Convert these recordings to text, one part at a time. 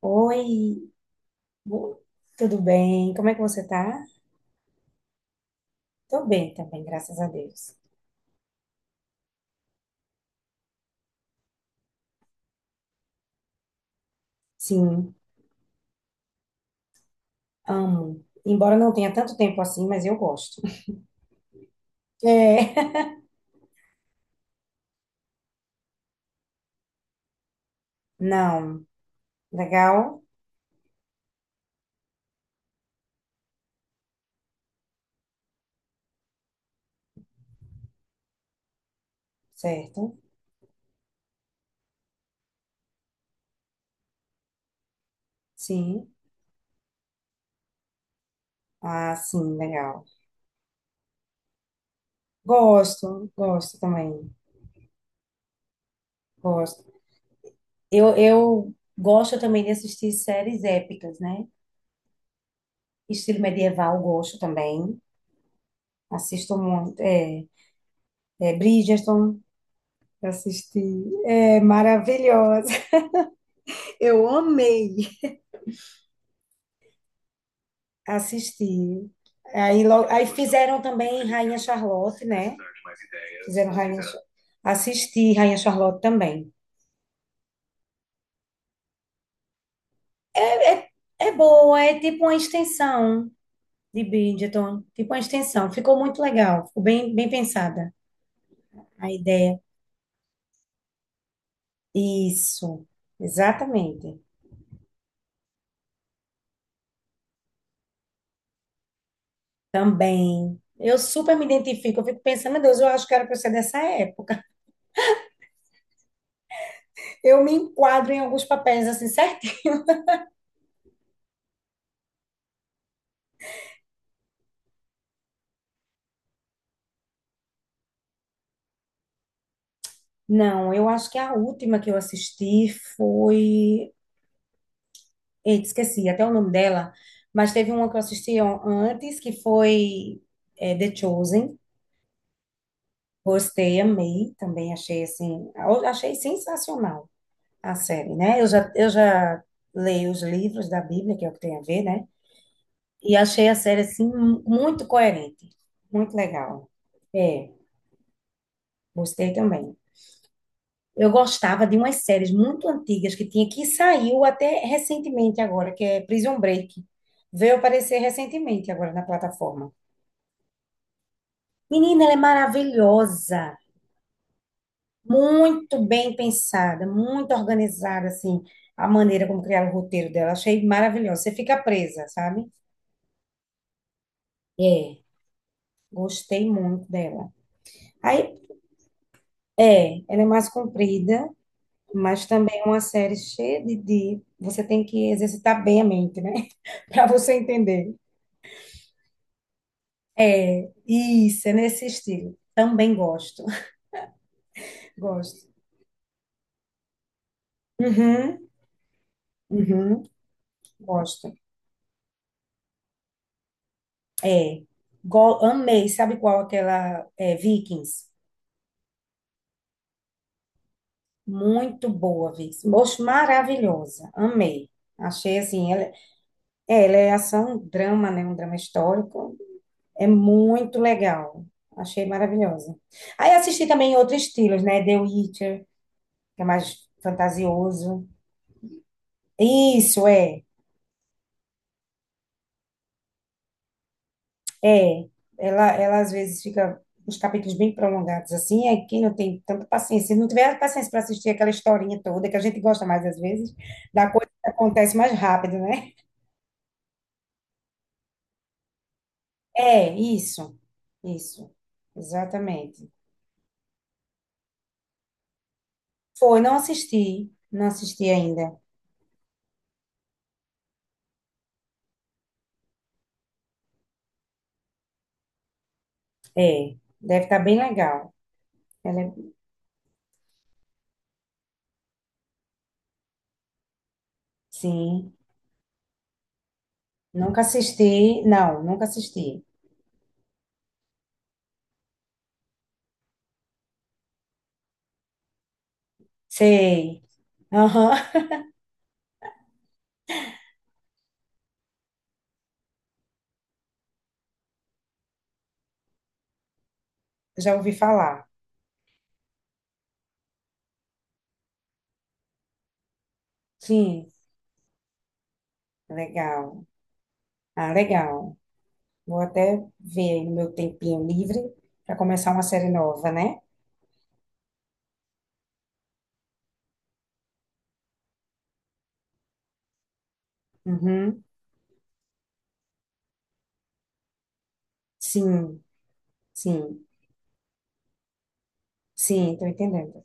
Oi, Bo- tudo bem? Como é que você tá? Tô bem também, graças a Deus. Sim, amo. Embora não tenha tanto tempo assim, mas eu gosto. É. Não. Legal? Certo? Sim. Ah, sim, legal. Gosto, gosto também. Gosto. Eu gosto também de assistir séries épicas, né? Estilo medieval, gosto também. Assisto muito. É Bridgerton, assisti. É maravilhosa. Eu amei assistir. Aí fizeram também Rainha Charlotte, né? Fizeram Rainha, Cha- assisti Rainha Charlotte também. É, é, é boa, é tipo uma extensão de Bridgerton, tipo uma extensão. Ficou muito legal, ficou bem, bem pensada a ideia. Isso, exatamente. Também. Eu super me identifico, eu fico pensando, meu Deus, eu acho que era pra eu ser dessa época. Eu me enquadro em alguns papéis assim. Não, eu acho que a última que eu assisti foi. Eita, esqueci até o nome dela, mas teve uma que eu assisti antes, que foi The Chosen. Gostei, amei também, achei assim. Eu Achei sensacional a série, né? Eu já leio os livros da Bíblia, que é o que tem a ver, né? E achei a série, assim, muito coerente, muito legal. É, gostei também. Eu gostava de umas séries muito antigas que tinha, que saiu até recentemente agora, que é Prison Break. Veio aparecer recentemente agora na plataforma. Menina, ela é maravilhosa, muito bem pensada, muito organizada, assim, a maneira como criaram o roteiro dela. Achei maravilhosa. Você fica presa, sabe? É, gostei muito dela. Aí, é, ela é mais comprida, mas também é uma série cheia de... Você tem que exercitar bem a mente, né? Para você entender. É, isso, é nesse estilo. Também gosto. Gosto. Uhum, uhum, gosto. É. Amei, sabe qual aquela é, Vikings? Muito boa, Vikings. Moço, maravilhosa. Amei. Achei assim, ela é ação, drama, né? Um drama histórico. É muito legal. Achei maravilhosa. Aí assisti também outros estilos, né? The Witcher, que é mais fantasioso. Isso, é. É, ela às vezes fica uns capítulos bem prolongados, assim, aí quem não tem tanta paciência, se não tiver paciência para assistir aquela historinha toda, que a gente gosta mais às vezes, da coisa que acontece mais rápido, né? É, isso, exatamente. Foi, não assisti, não assisti ainda. É, deve estar bem legal. Ela é- sim, nunca assisti, não, nunca assisti. Sei, aham, já ouvi falar. Sim, legal. Ah, legal. Vou até ver aí no meu tempinho livre para começar uma série nova, né? Uhum. Sim, sim, sim, tô entendendo.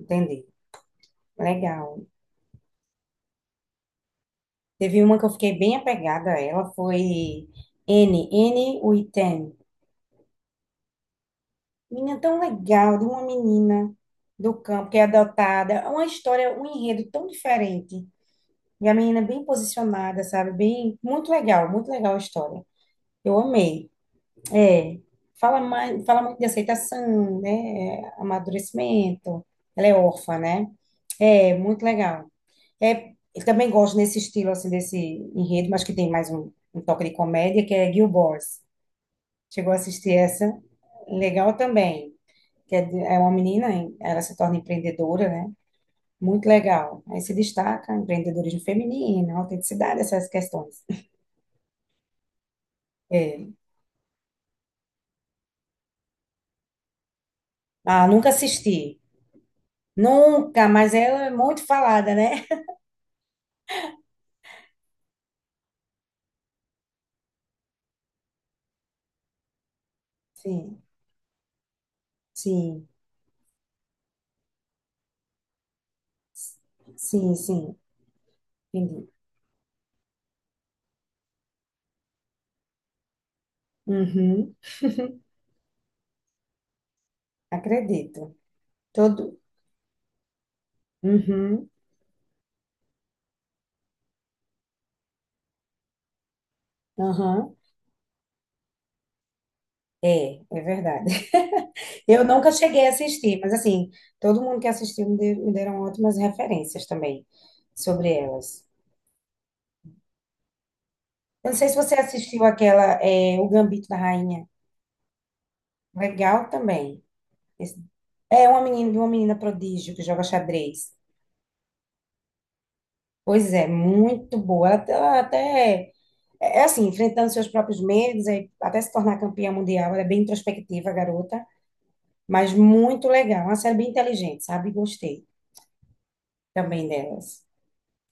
Entendi. Legal. Teve uma que eu fiquei bem apegada a ela, foi N, N Witten. Menina tão legal, de uma menina do campo que é adotada. É uma história, um enredo tão diferente. E a menina é bem posicionada, sabe? Bem, muito legal a história. Eu amei. É, fala mais, fala muito de aceitação, né? Amadurecimento. Ela é órfã, né? É, muito legal. É, eu também gosto nesse estilo, assim, desse enredo, mas que tem mais um toque de comédia, que é Gil Boys. Chegou a assistir essa? Legal também. Que é, é uma menina, ela se torna empreendedora, né? Muito legal. Aí se destaca empreendedorismo feminino, autenticidade, essas questões. É. Ah, nunca assisti. Nunca, mas ela é muito falada, né? Sim. Sim, sim, sim, entendi. Uhum, acredito. Todo. Uhum, aham. É, é verdade. Eu nunca cheguei a assistir, mas assim, todo mundo que assistiu me deram ótimas referências também sobre elas. Eu não sei se você assistiu aquela, O Gambito da Rainha. Legal também. Esse- É uma menina prodígio que joga xadrez. Pois é, muito boa. Ela até É assim, enfrentando seus próprios medos, até se tornar campeã mundial. Ela é bem introspectiva, a garota, mas muito legal. Uma série bem inteligente, sabe? Gostei também delas.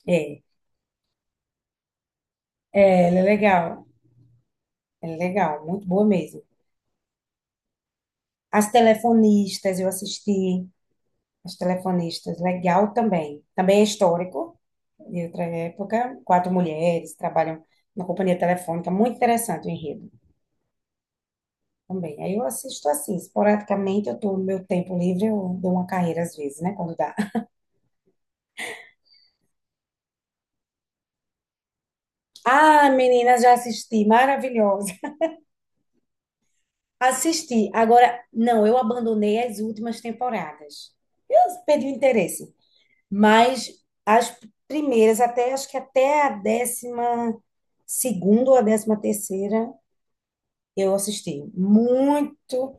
É, ela é legal. Ela é legal, muito boa mesmo. As Telefonistas, eu assisti. As Telefonistas, legal também. Também é histórico, de outra época. Quatro mulheres trabalham na companhia telefônica. Muito interessante o enredo também. Aí eu assisto assim, esporadicamente, eu tô no meu tempo livre, eu dou uma carreira às vezes, né? Quando dá. Ah, meninas, já assisti, maravilhosa. Assisti. Agora, não, eu abandonei as últimas temporadas. Eu perdi o interesse. Mas as primeiras, até acho que até a décima segunda ou a décima terceira, eu assisti. Muito,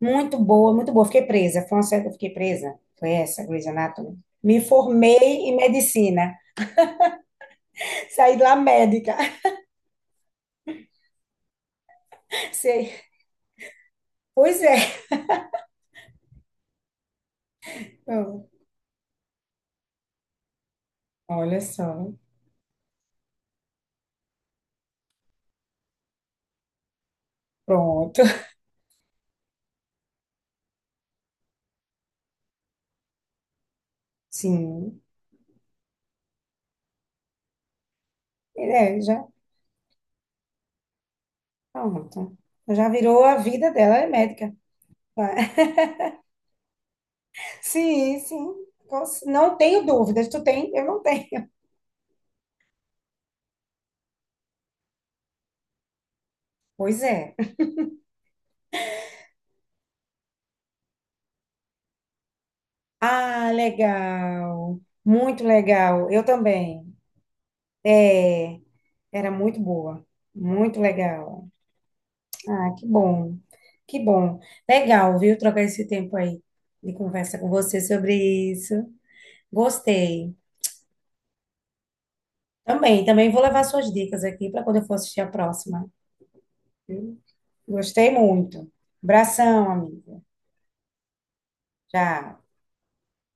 muito boa, muito boa. Fiquei presa. Foi uma série que eu fiquei presa. Foi essa, Grey's Anatomy. Me formei em medicina. Saí de lá médica. Sei. Pois é. Então, olha só. Pronto. Sim, já, pronto. Já virou a vida dela, é médica. Vai. Sim, sim. Não tenho dúvidas. Tu tem? Eu não tenho. Pois é. Ah, legal. Muito legal. Eu também. É, era muito boa. Muito legal. Ah, que bom. Que bom. Legal, viu? Trocar esse tempo aí de conversa com você sobre isso. Gostei. Também, também vou levar suas dicas aqui para quando eu for assistir a próxima. Gostei muito. Abração, amiga. Tchau.